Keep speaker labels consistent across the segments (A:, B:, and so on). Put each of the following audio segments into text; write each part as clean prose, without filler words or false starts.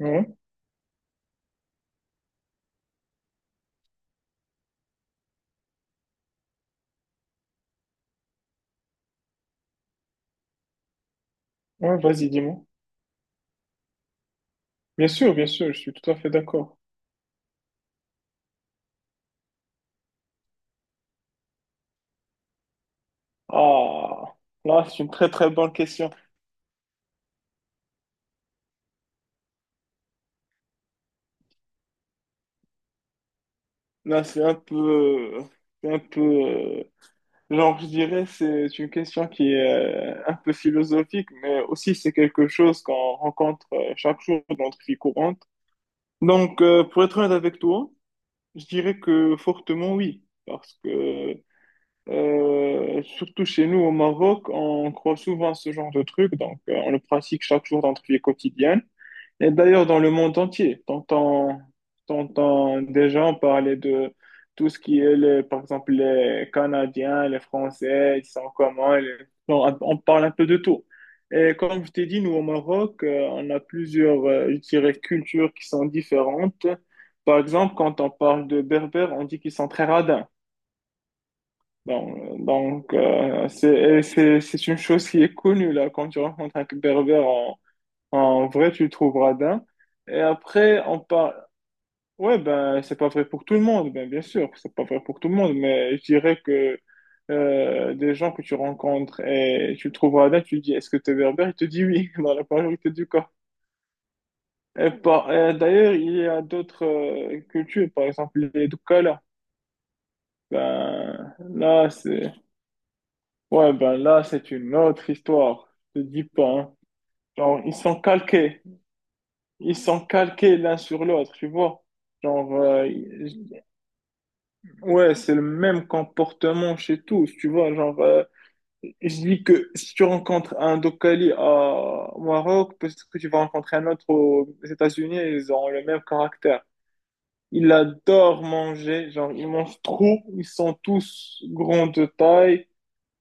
A: Ouais, ouais, vas-y, dis-moi. Bien sûr, je suis tout à fait d'accord. Ah, là, c'est une très très bonne question. Là, c'est un peu, c'est un peu, euh, genre, je dirais, c'est une question qui est un peu philosophique, mais aussi c'est quelque chose qu'on rencontre chaque jour dans notre vie courante. Donc, pour être honnête avec toi, je dirais que fortement oui, parce que surtout chez nous au Maroc, on croit souvent à ce genre de truc, donc on le pratique chaque jour dans notre vie quotidienne. Et d'ailleurs, dans le monde entier, t'entends des gens parler de tout ce qui est, les, par exemple, les Canadiens, les Français, ils sont comment, non, on parle un peu de tout. Et comme je t'ai dit, nous, au Maroc, on a plusieurs, je dirais, cultures qui sont différentes. Par exemple, quand on parle de Berbères, on dit qu'ils sont très radins. C'est une chose qui est connue, là, quand tu rencontres un Berbère, en vrai, tu le trouves radin. Et après, on parle. Ouais, ben, c'est pas vrai pour tout le monde, ben, bien sûr, c'est pas vrai pour tout le monde, mais je dirais que des gens que tu rencontres et tu le trouves radin, tu lui dis est-ce que t'es es berbère? Il te dit oui, dans la majorité du cas. Et d'ailleurs, il y a d'autres cultures, par exemple les Doukala. Ben, là, c'est ouais, ben, là, c'est une autre histoire, je te dis pas, hein. Genre, ils sont calqués. Ils sont calqués l'un sur l'autre, tu vois. Genre, euh, y- ouais, c'est le même comportement chez tous, tu vois. Genre, je dis que si tu rencontres un Dokali au Maroc, peut-être que tu vas rencontrer un autre aux États-Unis, ils ont le même caractère. Ils adorent manger, genre, ils mangent trop, ils sont tous grands de taille,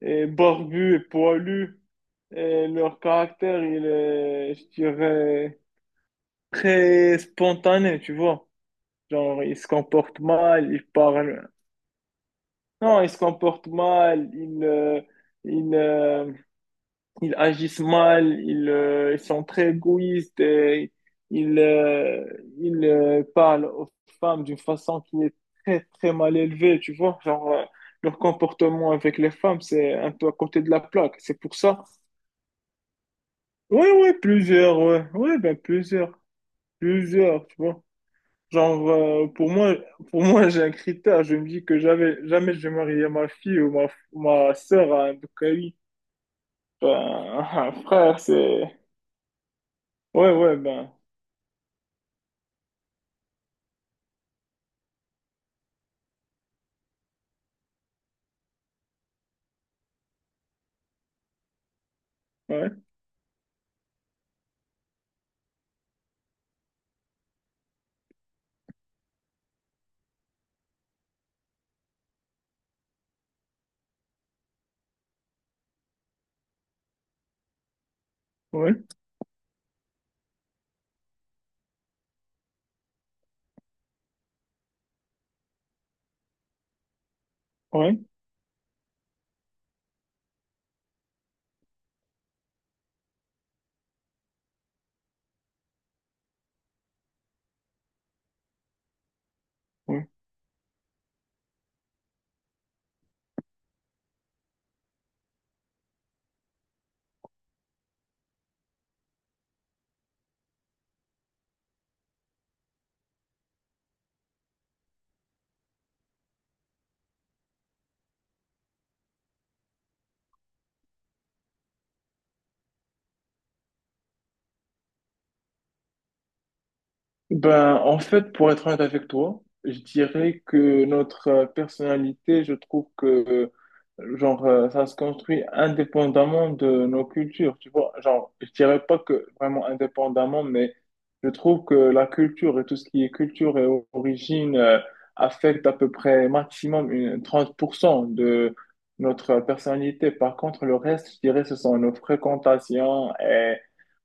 A: et barbus et poilus, et leur caractère, il est, je dirais, très spontané, tu vois. Genre, il se comporte mal, il parle. Non, il se comporte mal, il, euh, il agissent mal, ils sont très égoïstes, et ils, ils parlent aux femmes d'une façon qui est très, très mal élevée, tu vois. Genre, leur comportement avec les femmes, c'est un peu à côté de la plaque. C'est pour ça. Oui, oui, plusieurs, ouais. Ouais, ben plusieurs, plusieurs, tu vois. Genre, euh, pour moi, pour moi, j'ai un critère. Je me dis que jamais, jamais je vais marier ma fille ou ma sœur à un Bukhari. Ben, un frère, c'est... Ouais, ouais, ben, ouais, ouais, ouais, ouais. Ben, en fait, pour être honnête avec toi, je dirais que notre personnalité, je trouve que, genre, ça se construit indépendamment de nos cultures, tu vois. Genre, je dirais pas que vraiment indépendamment, mais je trouve que la culture et tout ce qui est culture et origine, affecte à peu près maximum 30% de notre personnalité. Par contre, le reste, je dirais, ce sont nos fréquentations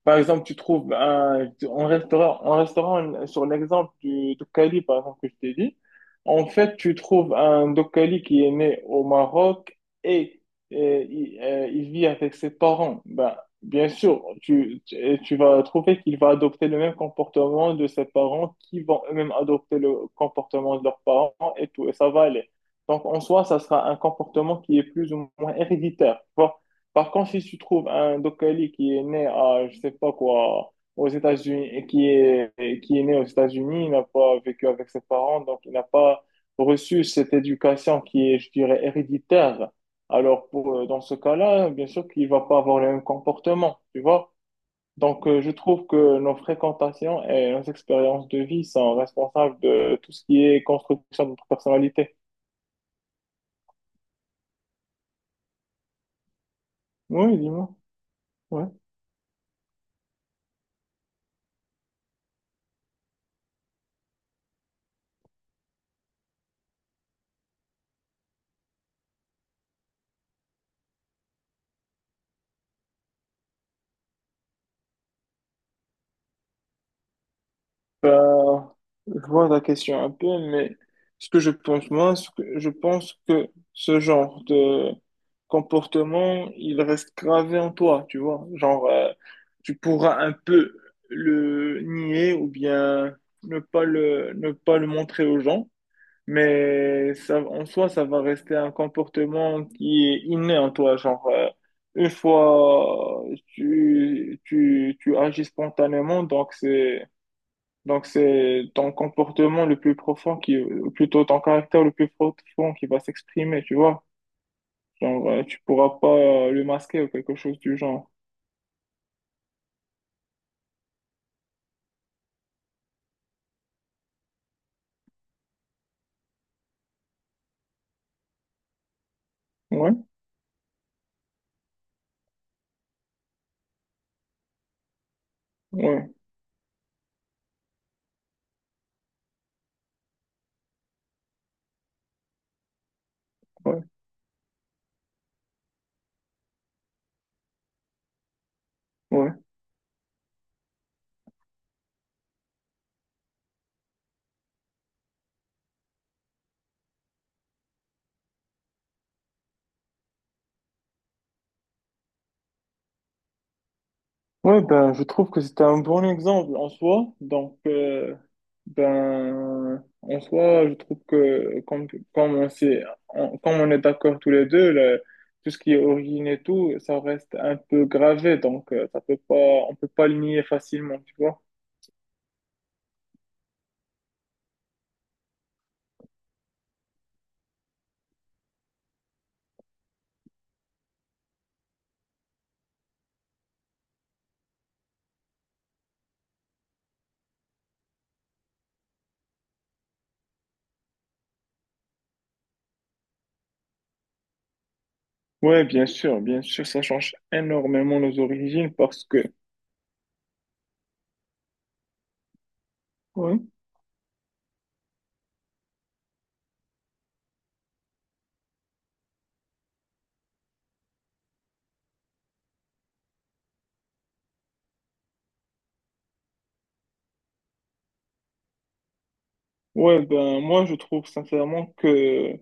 A: par exemple, tu trouves en restaurant, sur l'exemple du Dokkali, par exemple, que je t'ai dit, en fait, tu trouves un Dokkali qui est né au Maroc et il vit avec ses parents. Ben, bien sûr, tu vas trouver qu'il va adopter le même comportement de ses parents qui vont eux-mêmes adopter le comportement de leurs parents et tout, et ça va aller. Donc, en soi, ça sera un comportement qui est plus ou moins héréditaire, tu vois. Par contre, si tu trouves un Dokali qui est né à, je sais pas quoi, aux États-Unis, qui est né aux États-Unis, il n'a pas vécu avec ses parents, donc il n'a pas reçu cette éducation qui est, je dirais, héréditaire. Alors, dans ce cas-là, bien sûr qu'il va pas avoir le même comportement, tu vois. Donc, je trouve que nos fréquentations et nos expériences de vie sont responsables de tout ce qui est construction de notre personnalité. Oui, dis-moi. Ouais. Je vois la question un peu, mais ce que je pense, moi, ce que- je pense que ce genre de comportement, il reste gravé en toi, tu vois. Genre, tu pourras un peu le nier ou bien ne pas le montrer aux gens, mais ça, en soi, ça va rester un comportement qui est inné en toi. Genre, une fois, tu agis spontanément, donc, c'est ton comportement le plus profond ou plutôt ton caractère le plus profond qui va s'exprimer, tu vois. Genre, tu pourras pas le masquer ou quelque chose du genre. Ouais, ouais, ouais, ouais. Ouais, ben, je trouve que c'était un bon exemple en soi. Donc, ben, en soi, je trouve que comme, comme on s'est- on- comme on est d'accord tous les deux, tout ce qui est origine et tout, ça reste un peu gravé. Donc, ça peut pas, on peut pas le nier facilement, tu vois. Ouais, bien sûr, ça change énormément nos origines parce que, ouais, ouais, ben, moi, je trouve sincèrement que,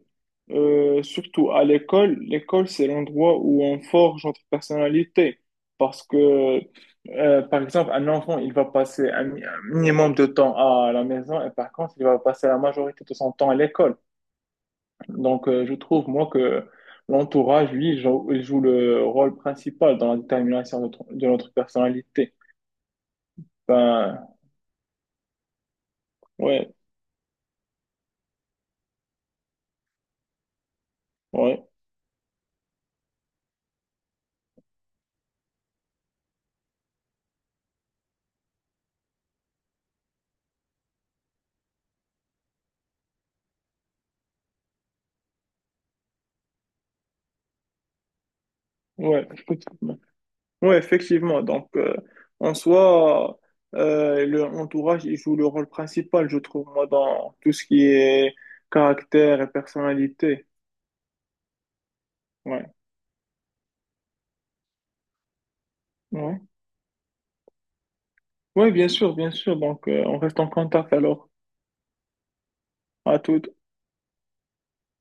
A: surtout à l'école, l'école, c'est l'endroit où on forge notre personnalité. Parce que, par exemple, un enfant, il va passer un minimum de temps à la maison et par contre, il va passer la majorité de son temps à l'école. Donc, je trouve, moi, que l'entourage, lui, il joue le rôle principal dans la détermination de notre personnalité. Ben, ouais, ouais, ouais, effectivement. Ouais, effectivement. Donc, en soi, le entourage, il joue le rôle principal, je trouve, moi, dans tout ce qui est caractère et personnalité. Ouais, ouais. Ouais, bien sûr, bien sûr. Donc, on reste en contact alors. À tout.